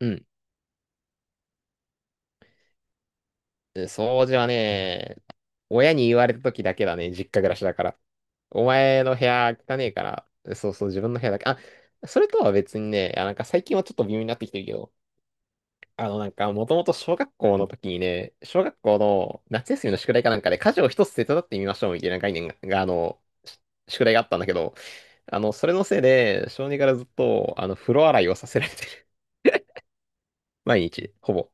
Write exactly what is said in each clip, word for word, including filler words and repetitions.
うん。で掃除はね、親に言われた時だけだね、実家暮らしだから。お前の部屋汚ねえから、そうそう、自分の部屋だけ。あ、それとは別にね、あ、なんか最近はちょっと微妙になってきてるけど、あのなんか、もともと小学校の時にね、小学校の夏休みの宿題かなんかで家事を一つ手伝ってみましょうみたいな概念が、があの、し宿題があったんだけど、あの、それのせいで、小児からずっと、あの、風呂洗いをさせられてる。毎日、ほぼ。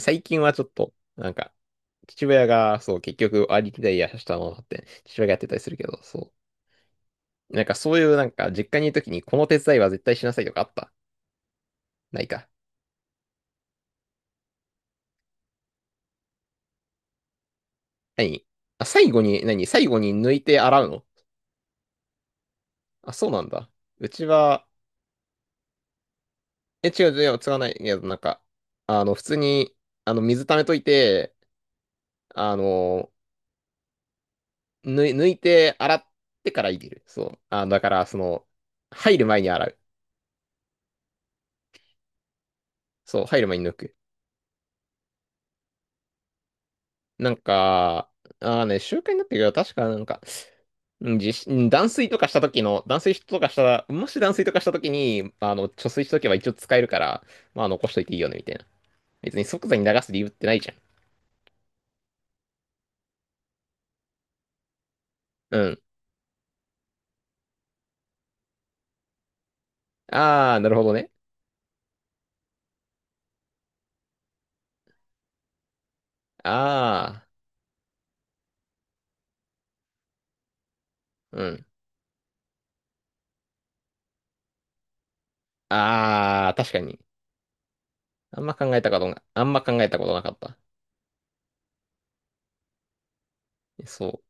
最近はちょっと、なんか、父親が、そう、結局、ありきでいやしたものって、父親がやってたりするけど、そう。なんかそういう、なんか、実家にいるときに、この手伝いは絶対しなさいとかあった？ないか。何？あ、最後に、何最後に抜いて洗うの？あ、そうなんだ。うちは、え、違う、違う、違わないけど、なんか、あの、普通に、あの、水溜めといて、あの、ぬい、抜いて洗ってから入れる。そう。あ、だから、その、入る前に洗う。そう、入る前に抜く。なんか、ああね、習慣になってるけど、確かなんか、うん地震断水とかした時の、断水とかしたら、もし断水とかした時に、あの、貯水しとけば一応使えるから、まあ残しといていいよね、みたいな。別に即座に流す理由ってないじゃん。うん。ああ、なるほどね。ああ、うん。ああ、確かに。あんま考えたことな、あんま考えたことなかった。そう。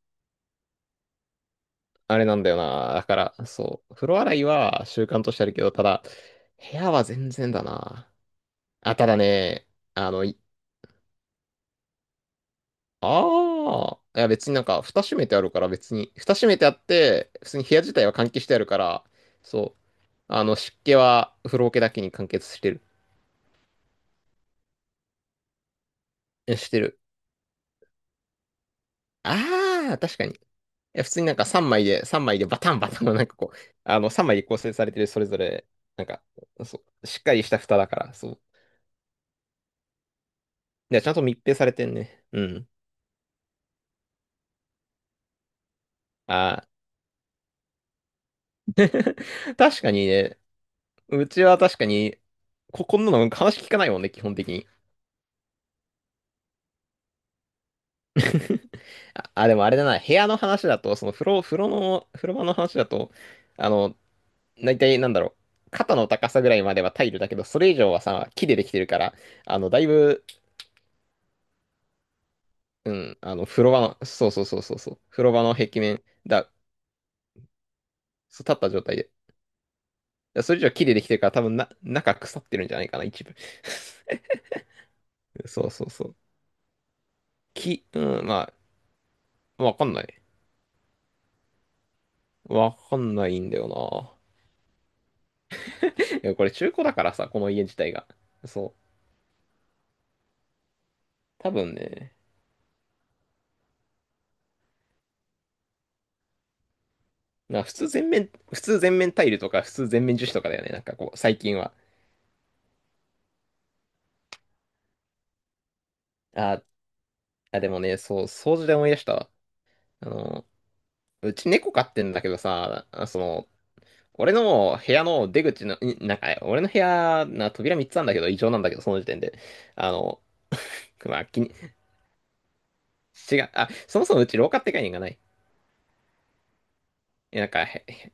あれなんだよな。だから、そう。風呂洗いは習慣としてあるけど、ただ、部屋は全然だな。あ、ただね、あの、いああ。いや、別になんか、蓋閉めてあるから、別に、蓋閉めてあって、普通に部屋自体は換気してあるから、そう。あの、湿気は風呂桶だけに完結してる。えしてる。ああ、確かに。いや、普通になんかさんまいで、さんまいでバタンバタンのなんかこう、あの、さんまいで構成されてる、それぞれ、なんか、そう、しっかりした蓋だから、そう。いや、ちゃんと密閉されてんね。うん。ああ。確かにね、うちは確かに、こ、こんなの話聞かないもんね、基本的に。あ、あ。 でもあれだな、部屋の話だと、その風呂、風呂の、風呂場の話だと、あの、大体なんだろう、肩の高さぐらいまではタイルだけど、それ以上はさ、木でできてるから、あの、だいぶ、うん、あの、風呂場の、そうそうそうそうそう、風呂場の壁面だ、そう立った状態で、だそれ以上木でできてるから、多分な、中腐ってるんじゃないかな、一部。そうそうそう。木、うん、まあ、わかんない。わかんないんだよな。いや、これ中古だからさ、この家自体が。そう。多分ね。まあ普通全面、普通全面タイルとか、普通全面樹脂とかだよね。なんかこう、最近は。あ、あ、でもね、そう、掃除で思い出したわ。あの、うち猫飼ってんだけどさ、あその、俺の部屋の出口の、んなんか、俺の部屋、な、扉みっつあんだけど、異常なんだけど、その時点で。あの、まあ、気に、違う、あ、そもそもうち廊下って概念がない。いやなんか、へへ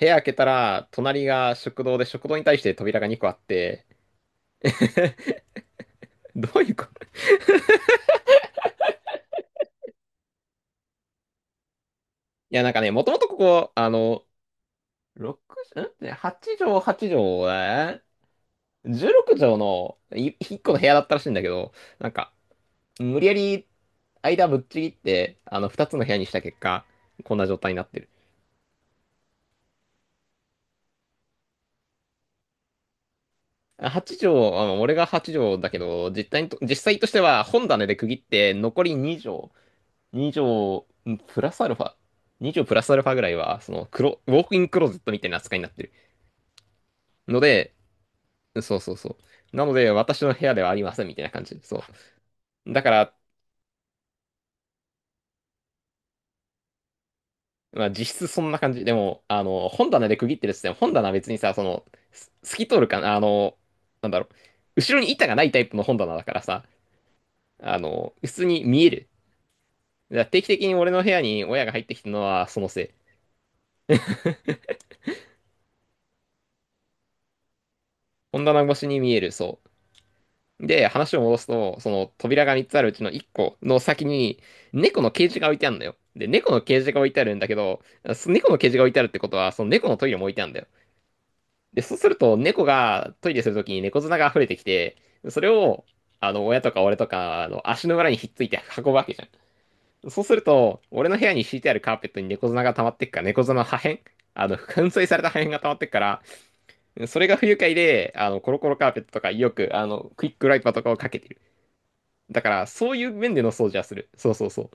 部屋開けたら、隣が食堂で、食堂に対して扉がにこあって、どういうこと？いや、なんかね、もともとここ、あの、ろく畳、ん ?はち 畳、はち畳、えー、じゅうろく畳のいいっこの部屋だったらしいんだけど、なんか、無理やり間ぶっちぎって、あの、ふたつの部屋にした結果、こんな状態になってる。あはち畳、まあの、俺がはち畳だけど、実態と、実際としては本棚で区切って、残りに畳、に畳、んプラスアルファ、に畳プラスアルファぐらいは、その、クロ、ウォークインクローゼットみたいな扱いになってる。ので、そうそうそう。なので、私の部屋ではありません、みたいな感じ。そう。だから、まあ実質そんな感じ。でも、あの、本棚で区切ってるっつっても、本棚は別にさ、その、す透き通るかな、あの、なんだろう、後ろに板がないタイプの本棚だからさ、あの、普通に見える。だから定期的に俺の部屋に親が入ってきたのはそのせい。本棚越しに見える、そう。で、話を戻すと、その扉がみっつあるうちのいっこの先に、猫のケージが置いてあるんだよ。で、猫のケージが置いてあるんだけど、そ猫のケージが置いてあるってことは、その猫のトイレも置いてあるんだよ。で、そうすると、猫がトイレするときに猫砂が溢れてきて、それを、あの、親とか俺とか、あの、足の裏にひっついて運ぶわけじゃん。そうすると、俺の部屋に敷いてあるカーペットに猫砂が溜まってくから、猫砂の破片、あの、粉砕された破片が溜まってくから、それが不愉快で、あの、コロコロカーペットとか、よく、あの、クイックワイパーとかをかけてる。だから、そういう面での掃除はする。そうそうそう。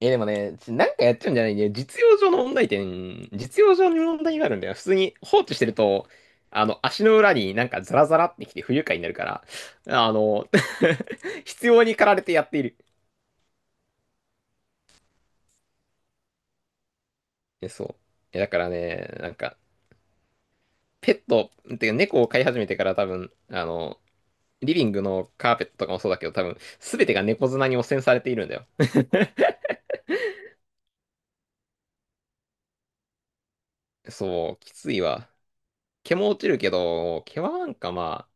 え、でもね、ちなんかやっちゃうんじゃないね。実用上の問題点、実用上に問題があるんだよ。普通に放置してると、あの、足の裏になんかザラザラってきて不愉快になるから、あの、必要に駆られてやっている。え、そう。え、だからね、なんか、ペット、てか猫を飼い始めてから多分、あの、リビングのカーペットとかもそうだけど、多分、すべてが猫砂に汚染されているんだよ。そう、きついわ。毛も落ちるけど、毛はなんかまあ、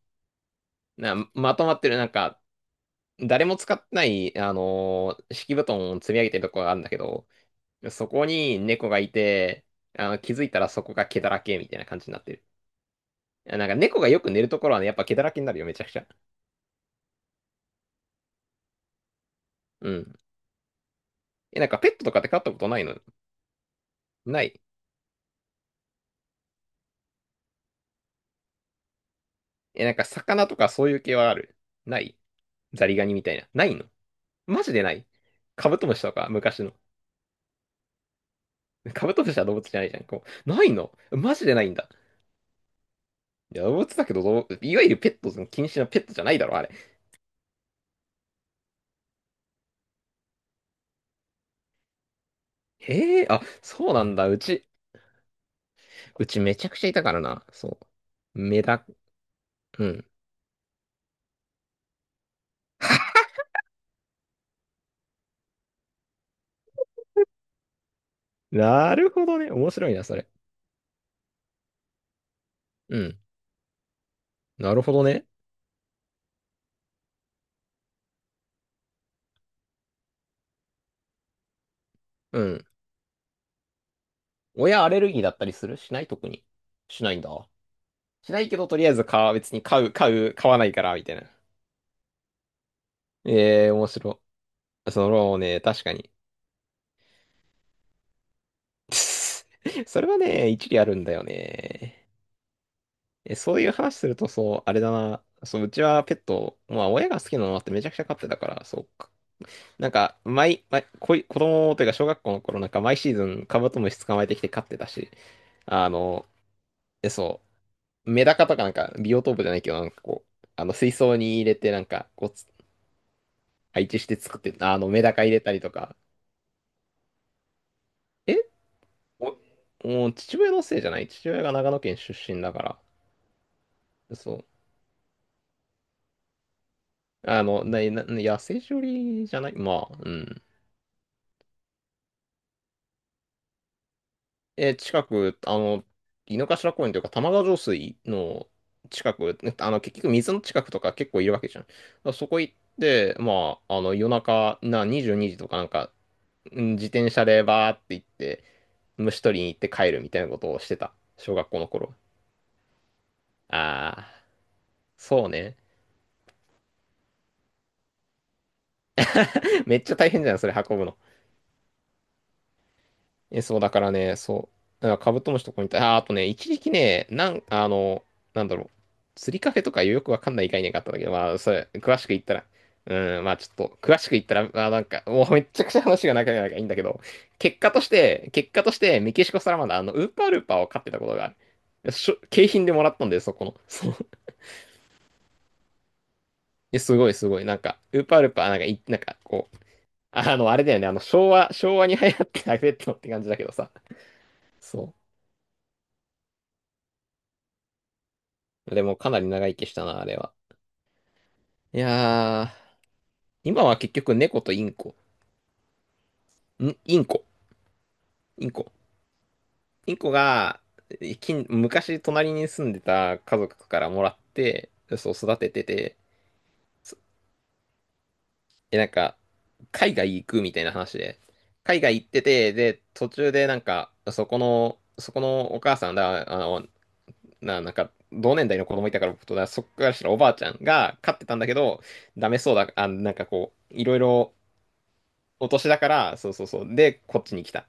な、まとまってる、なんか、誰も使ってない、あのー敷布団を積み上げてるとこがあるんだけど、そこに猫がいて、あの、気づいたらそこが毛だらけみたいな感じになってる。いやなんか猫がよく寝るところはね、やっぱ毛だらけになるよ、めちゃくちゃ。うん。え、なんかペットとかって飼ったことないの？ない。え、なんか魚とかそういう系はある？ない？ザリガニみたいな。ないの？マジでない？カブトムシとか昔の。カブトムシは動物じゃないじゃん。こう、ないの？マジでないんだ。いや、動物だけど、どういわゆるペット禁止のペットじゃないだろ、あれ。へえ、あ、そうなんだ。うち、うちめちゃくちゃいたからな。そう。メダ、うん。なるほどね。面白いな、それ。うん。なるほどね。うん。親アレルギーだったりするしない、特に？しないんだ。しないけど、とりあえず買う、別に買う、買う、買わないから、みたいな。ええ、面白い。そのね、確かに。それはね、一理あるんだよね。え、そういう話すると、そう、あれだな。そう、うちはペット、まあ、親が好きなのもあってめちゃくちゃ飼ってたから、そう、なんか、毎、毎、こい、子供というか小学校の頃なんか毎シーズンカブトムシ捕まえてきて飼ってたし、あの、え、そう、メダカとかなんかビオトープじゃないけど、なんかこう、あの水槽に入れてなんかこうつ、配置して作って、あのメダカ入れたりとか、えお、もう父親のせいじゃない、父親が長野県出身だから、そう。あの、な、な、野生処理じゃない、まあ、うん。え、近く、あの、井の頭公園というか、玉川上水の近く、ねあの、結局水の近くとか結構いるわけじゃん。だからそこ行って、まあ、あの、夜中、な、にじゅうにじとかなんか、うん、自転車でバーって行って、虫取りに行って帰るみたいなことをしてた。小学校の頃。ああ、そうね。めっちゃ大変じゃん、それ運ぶの。え、そう、だからね、そう、だからカブトムシとこにニたあー、あとね、一時期ね、なん、あの、なんだろう、釣りカフェとかよくわかんない概念があったんだけど、まあ、それ、詳しく言ったら、うん、まあちょっと、詳しく言ったら、まあなんか、もうめっちゃくちゃ話が長いからいいんだけど、結果として、結果として、メキシコサラマンダー、あの、ウーパールーパーを飼ってたことがある。しょ、景品でもらったんだよ、そこの。そう。え、すごい、すごい。なんか、ウーパールーパー、なんかい、なんか、こう、あの、あれだよね、あの、昭和、昭和に流行ってたペットって感じだけどさ。そう。でもかなり長生きしたな、あれは。いやー、今は結局猫とインコ。んインコ。インコ。インコが、近昔隣に住んでた家族からもらって、そう育ててて、え、なんか、海外行くみたいな話で、海外行ってて、で、途中でなんか、そこの、そこのお母さんだ、あの、な、なんか、同年代の子供いたから僕とだ、そっからしたらおばあちゃんが飼ってたんだけど、ダメそうだ、あ、なんかこう、いろいろ、お年だから、そうそうそう。で、こっちに来た。